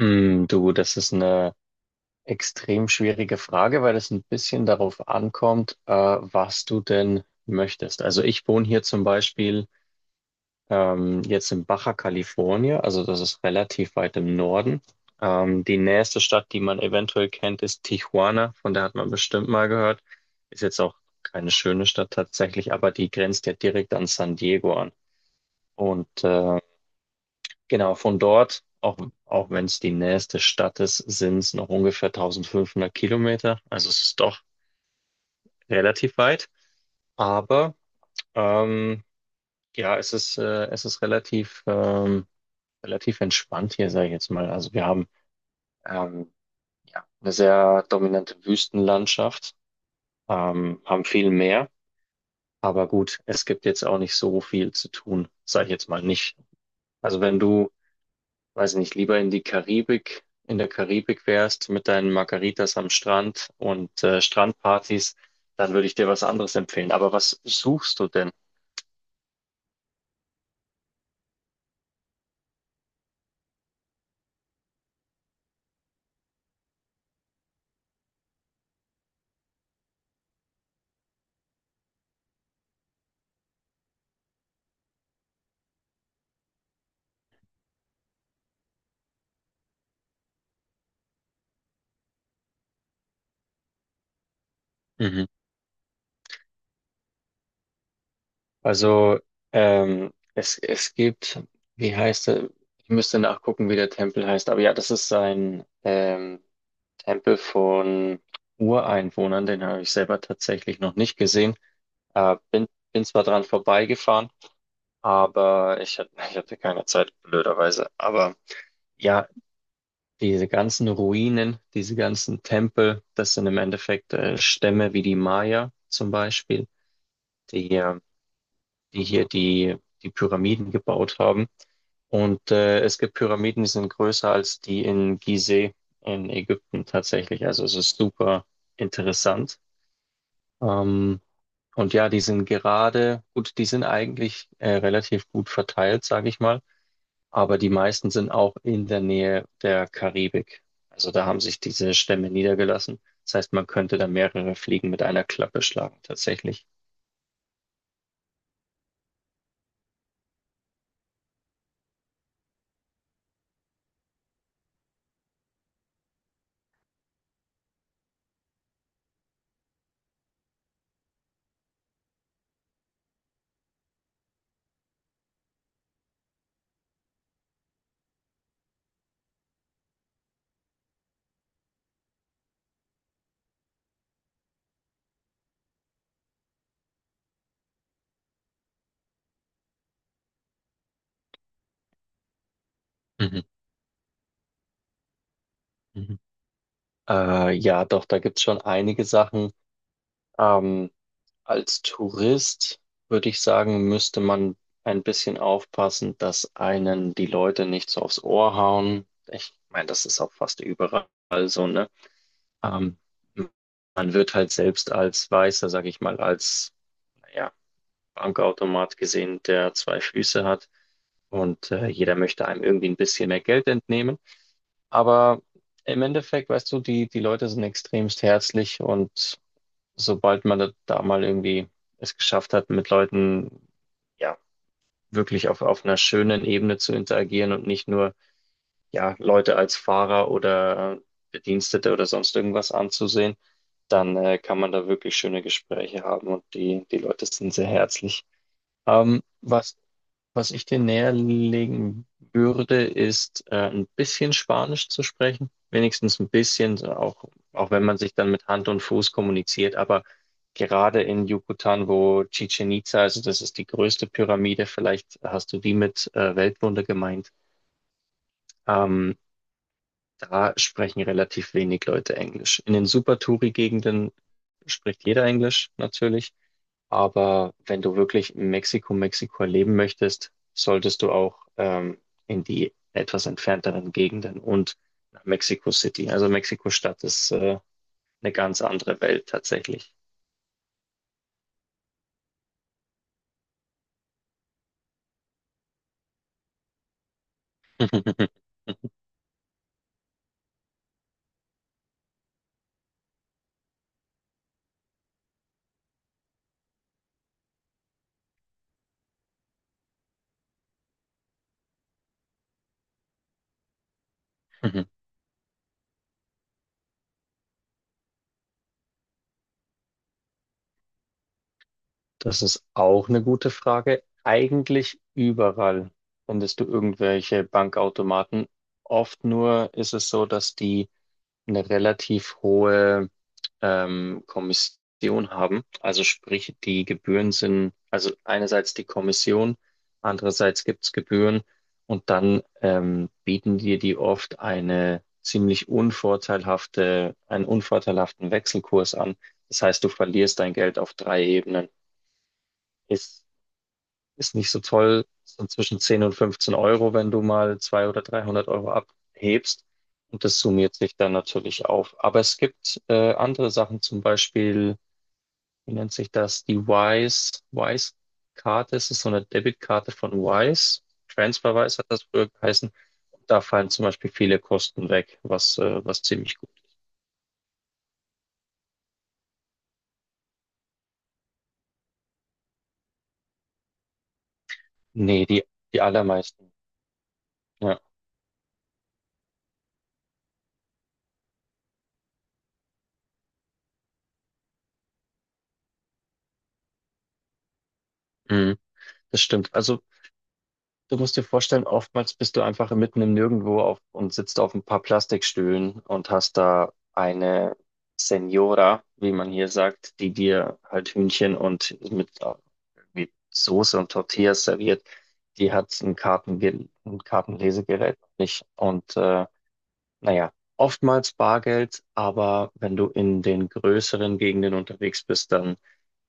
Hm, du, das ist eine extrem schwierige Frage, weil es ein bisschen darauf ankommt, was du denn möchtest. Also ich wohne hier zum Beispiel jetzt in Baja California, also das ist relativ weit im Norden. Die nächste Stadt, die man eventuell kennt, ist Tijuana, von der hat man bestimmt mal gehört. Ist jetzt auch keine schöne Stadt tatsächlich, aber die grenzt ja direkt an San Diego an. Und äh, Genau, von dort, auch wenn es die nächste Stadt ist, sind es noch ungefähr 1500 Kilometer. Also es ist doch relativ weit. Aber ähm, ja, es ist relativ entspannt hier, sage ich jetzt mal. Also wir haben ähm, ja, eine sehr dominante Wüstenlandschaft, haben viel Meer. Aber gut, es gibt jetzt auch nicht so viel zu tun, sage ich jetzt mal nicht. Also wenn du weiß nicht, lieber in die Karibik, in der Karibik wärst mit deinen Margaritas am Strand und Strandpartys, dann würde ich dir was anderes empfehlen. Aber was suchst du denn? Mhm. Also, es gibt, wie heißt er? Ich müsste nachgucken, wie der Tempel heißt. Aber ja, das ist ein Tempel von Ureinwohnern. Den habe ich selber tatsächlich noch nicht gesehen. Bin zwar dran vorbeigefahren, aber ich hatte keine Zeit, blöderweise. Aber. Ja, diese ganzen Ruinen, diese ganzen Tempel, das sind im Endeffekt Stämme wie die Maya zum Beispiel, die, äh, die hier die Pyramiden gebaut haben. Es gibt Pyramiden, die sind größer als die in Gizeh in Ägypten tatsächlich. Also es ist super interessant. Ähm, und ja, die sind gerade, gut, die sind eigentlich relativ gut verteilt, sage ich mal. Aber die meisten sind auch in der Nähe der Karibik. Also da haben sich diese Stämme niedergelassen. Das heißt, man könnte da mehrere Fliegen mit einer Klappe schlagen, tatsächlich. Mhm. Mhm. Ja, doch, da gibt's schon einige Sachen. Ähm, Als Tourist würde ich sagen, müsste man ein bisschen aufpassen, dass einen die Leute nicht so aufs Ohr hauen. Ich meine, das ist auch fast überall so, ne? Ähm, Man wird halt selbst als Weißer, sag ich mal, als naja, Bankautomat gesehen, der zwei Füße hat und jeder möchte einem irgendwie ein bisschen mehr Geld entnehmen. Aber im Endeffekt, weißt du, die Leute sind extremst herzlich und sobald man da mal irgendwie es geschafft hat, mit Leuten ja wirklich auf einer schönen Ebene zu interagieren und nicht nur ja Leute als Fahrer oder Bedienstete oder sonst irgendwas anzusehen, dann kann man da wirklich schöne Gespräche haben und die Leute sind sehr herzlich. Ähm, was was ich dir näher legen würde, ist ein bisschen Spanisch zu sprechen. Wenigstens ein bisschen, so auch, auch wenn man sich dann mit Hand und Fuß kommuniziert. Aber gerade in Yucatan, wo Chichen Itza, also das ist die größte Pyramide, vielleicht hast du die mit Weltwunder gemeint, ähm, da sprechen relativ wenig Leute Englisch. In den Super-Touri-Gegenden spricht jeder Englisch natürlich. Aber wenn du wirklich in Mexiko, Mexiko erleben möchtest, solltest du auch in die etwas entfernteren Gegenden und nach Mexico City. Also Mexiko-Stadt ist eine ganz andere Welt tatsächlich. Das ist auch eine gute Frage. Eigentlich überall findest du irgendwelche Bankautomaten. Oft nur ist es so, dass die eine relativ hohe Kommission haben. Also sprich, die Gebühren sind, also einerseits die Kommission, andererseits gibt's Gebühren und dann bieten dir die oft eine ziemlich unvorteilhafte, einen unvorteilhaften Wechselkurs an. Das heißt, du verlierst dein Geld auf drei Ebenen. Ist ist nicht so toll. Ist dann zwischen 10 und 15 Euro, wenn du mal 200 oder 300 Euro abhebst. Und das summiert sich dann natürlich auf. Aber es gibt andere Sachen, zum Beispiel, wie nennt sich das? Die Wise-Karte. Es ist so eine Debitkarte von Wise. TransferWise hat das früher geheißen. Da fallen zum Beispiel viele Kosten weg, was, was ziemlich gut. Nee, die allermeisten. Ja, mhm, das stimmt. Also du musst dir vorstellen, oftmals bist du einfach mitten im Nirgendwo auf und sitzt auf ein paar Plastikstühlen und hast da eine Senora, wie man hier sagt, die dir halt Hühnchen und mit irgendwie Soße und Tortillas serviert. Die hat ein Kartenlesegerät nicht. Und naja, oftmals Bargeld, aber wenn du in den größeren Gegenden unterwegs bist, dann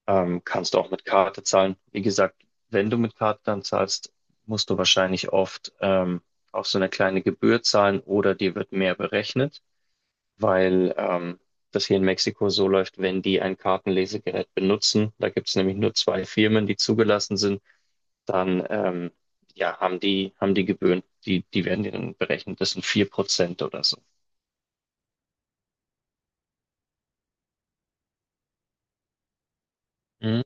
kannst du auch mit Karte zahlen. Wie gesagt, wenn du mit Karte dann zahlst, musst du wahrscheinlich oft auch so eine kleine Gebühr zahlen oder dir wird mehr berechnet, weil das hier in Mexiko so läuft, wenn die ein Kartenlesegerät benutzen, da gibt es nämlich nur zwei Firmen, die zugelassen sind, dann ja, haben die Gebühren, die werden dir dann berechnet. Das sind 4% oder so. Mhm.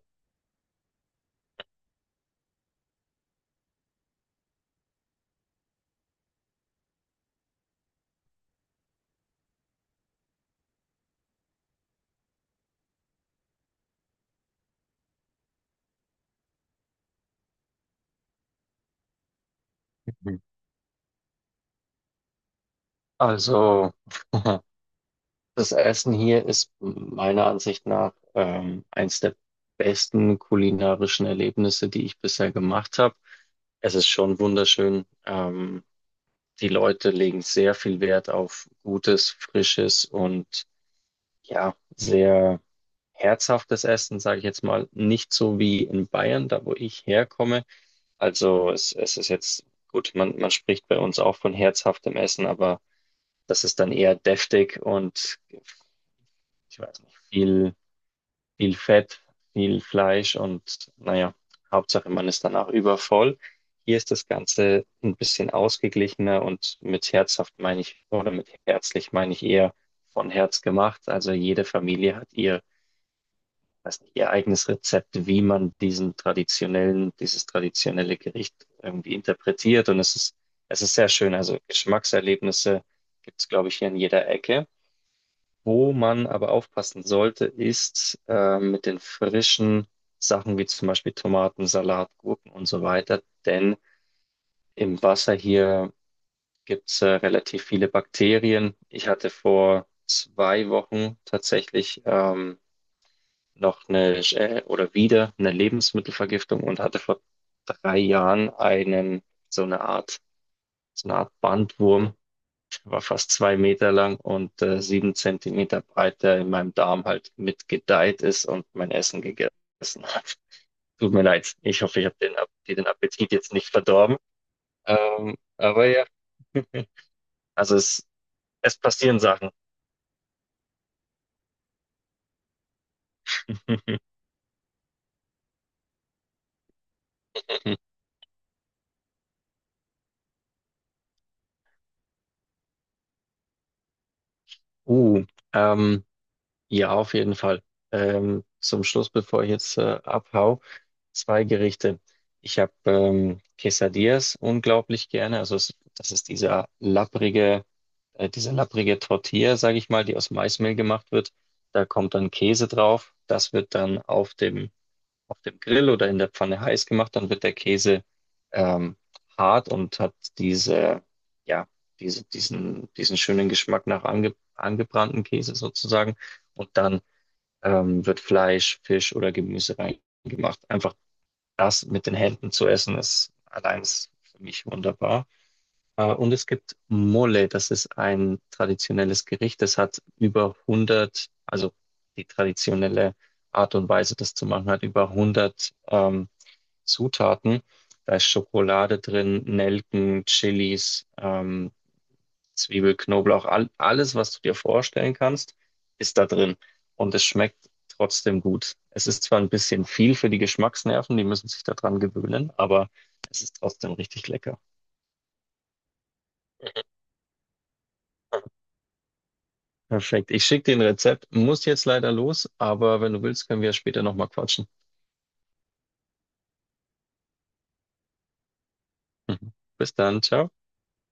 Also, das Essen hier ist meiner Ansicht nach eins der besten kulinarischen Erlebnisse, die ich bisher gemacht habe. Es ist schon wunderschön. Die Leute legen sehr viel Wert auf gutes, frisches und ja, sehr herzhaftes Essen, sage ich jetzt mal. Nicht so wie in Bayern, da wo ich herkomme. Also es ist jetzt gut, man spricht bei uns auch von herzhaftem Essen, aber das ist dann eher deftig und ich weiß nicht, viel Fett, viel Fleisch und naja, Hauptsache man ist danach übervoll. Hier ist das Ganze ein bisschen ausgeglichener und mit herzhaft meine ich, oder mit herzlich meine ich eher von Herz gemacht. Also jede Familie hat ihr, weiß nicht, ihr eigenes Rezept, wie man diesen traditionellen, dieses traditionelle Gericht irgendwie interpretiert. Und es ist sehr schön. Also Geschmackserlebnisse gibt es glaube ich, hier in jeder Ecke. Wo man aber aufpassen sollte, ist mit den frischen Sachen wie zum Beispiel Tomaten, Salat, Gurken und so weiter. Denn im Wasser hier gibt's relativ viele Bakterien. Ich hatte vor 2 Wochen tatsächlich noch eine, oder wieder eine Lebensmittelvergiftung und hatte vor 3 Jahren einen so eine Art so eine Art Bandwurm, war fast 2 Meter lang und 7 Zentimeter breit, der in meinem Darm halt mitgedeiht ist und mein Essen gegessen hat. Tut mir leid. Ich hoffe, ich habe dir den Appetit jetzt nicht verdorben. Aber ja, also es passieren Sachen. Uh, ähm, ja, auf jeden Fall. Zum Schluss, bevor ich jetzt abhau, zwei Gerichte. Ich habe Quesadillas unglaublich gerne. Also das ist diese lapprige Tortilla, sage ich mal, die aus Maismehl gemacht wird. Da kommt dann Käse drauf. Das wird dann auf dem Grill oder in der Pfanne heiß gemacht. Dann wird der Käse ähm, hart und hat diese, ja, diesen schönen Geschmack nach angebrannten Käse sozusagen. Und dann wird Fleisch, Fisch oder Gemüse reingemacht. Einfach das mit den Händen zu essen ist allein ist für mich wunderbar. Und es gibt Mole, das ist ein traditionelles Gericht. Das hat über 100, also die traditionelle Art und Weise, das zu machen, hat über 100 Zutaten. Da ist Schokolade drin, Nelken, Chilis, Zwiebel, Knoblauch, alles, was du dir vorstellen kannst, ist da drin. Und es schmeckt trotzdem gut. Es ist zwar ein bisschen viel für die Geschmacksnerven, die müssen sich daran gewöhnen, aber es ist trotzdem richtig lecker. Perfekt. Ich schicke dir ein Rezept, muss jetzt leider los, aber wenn du willst, können wir später nochmal quatschen. Mhm. Bis dann, ciao.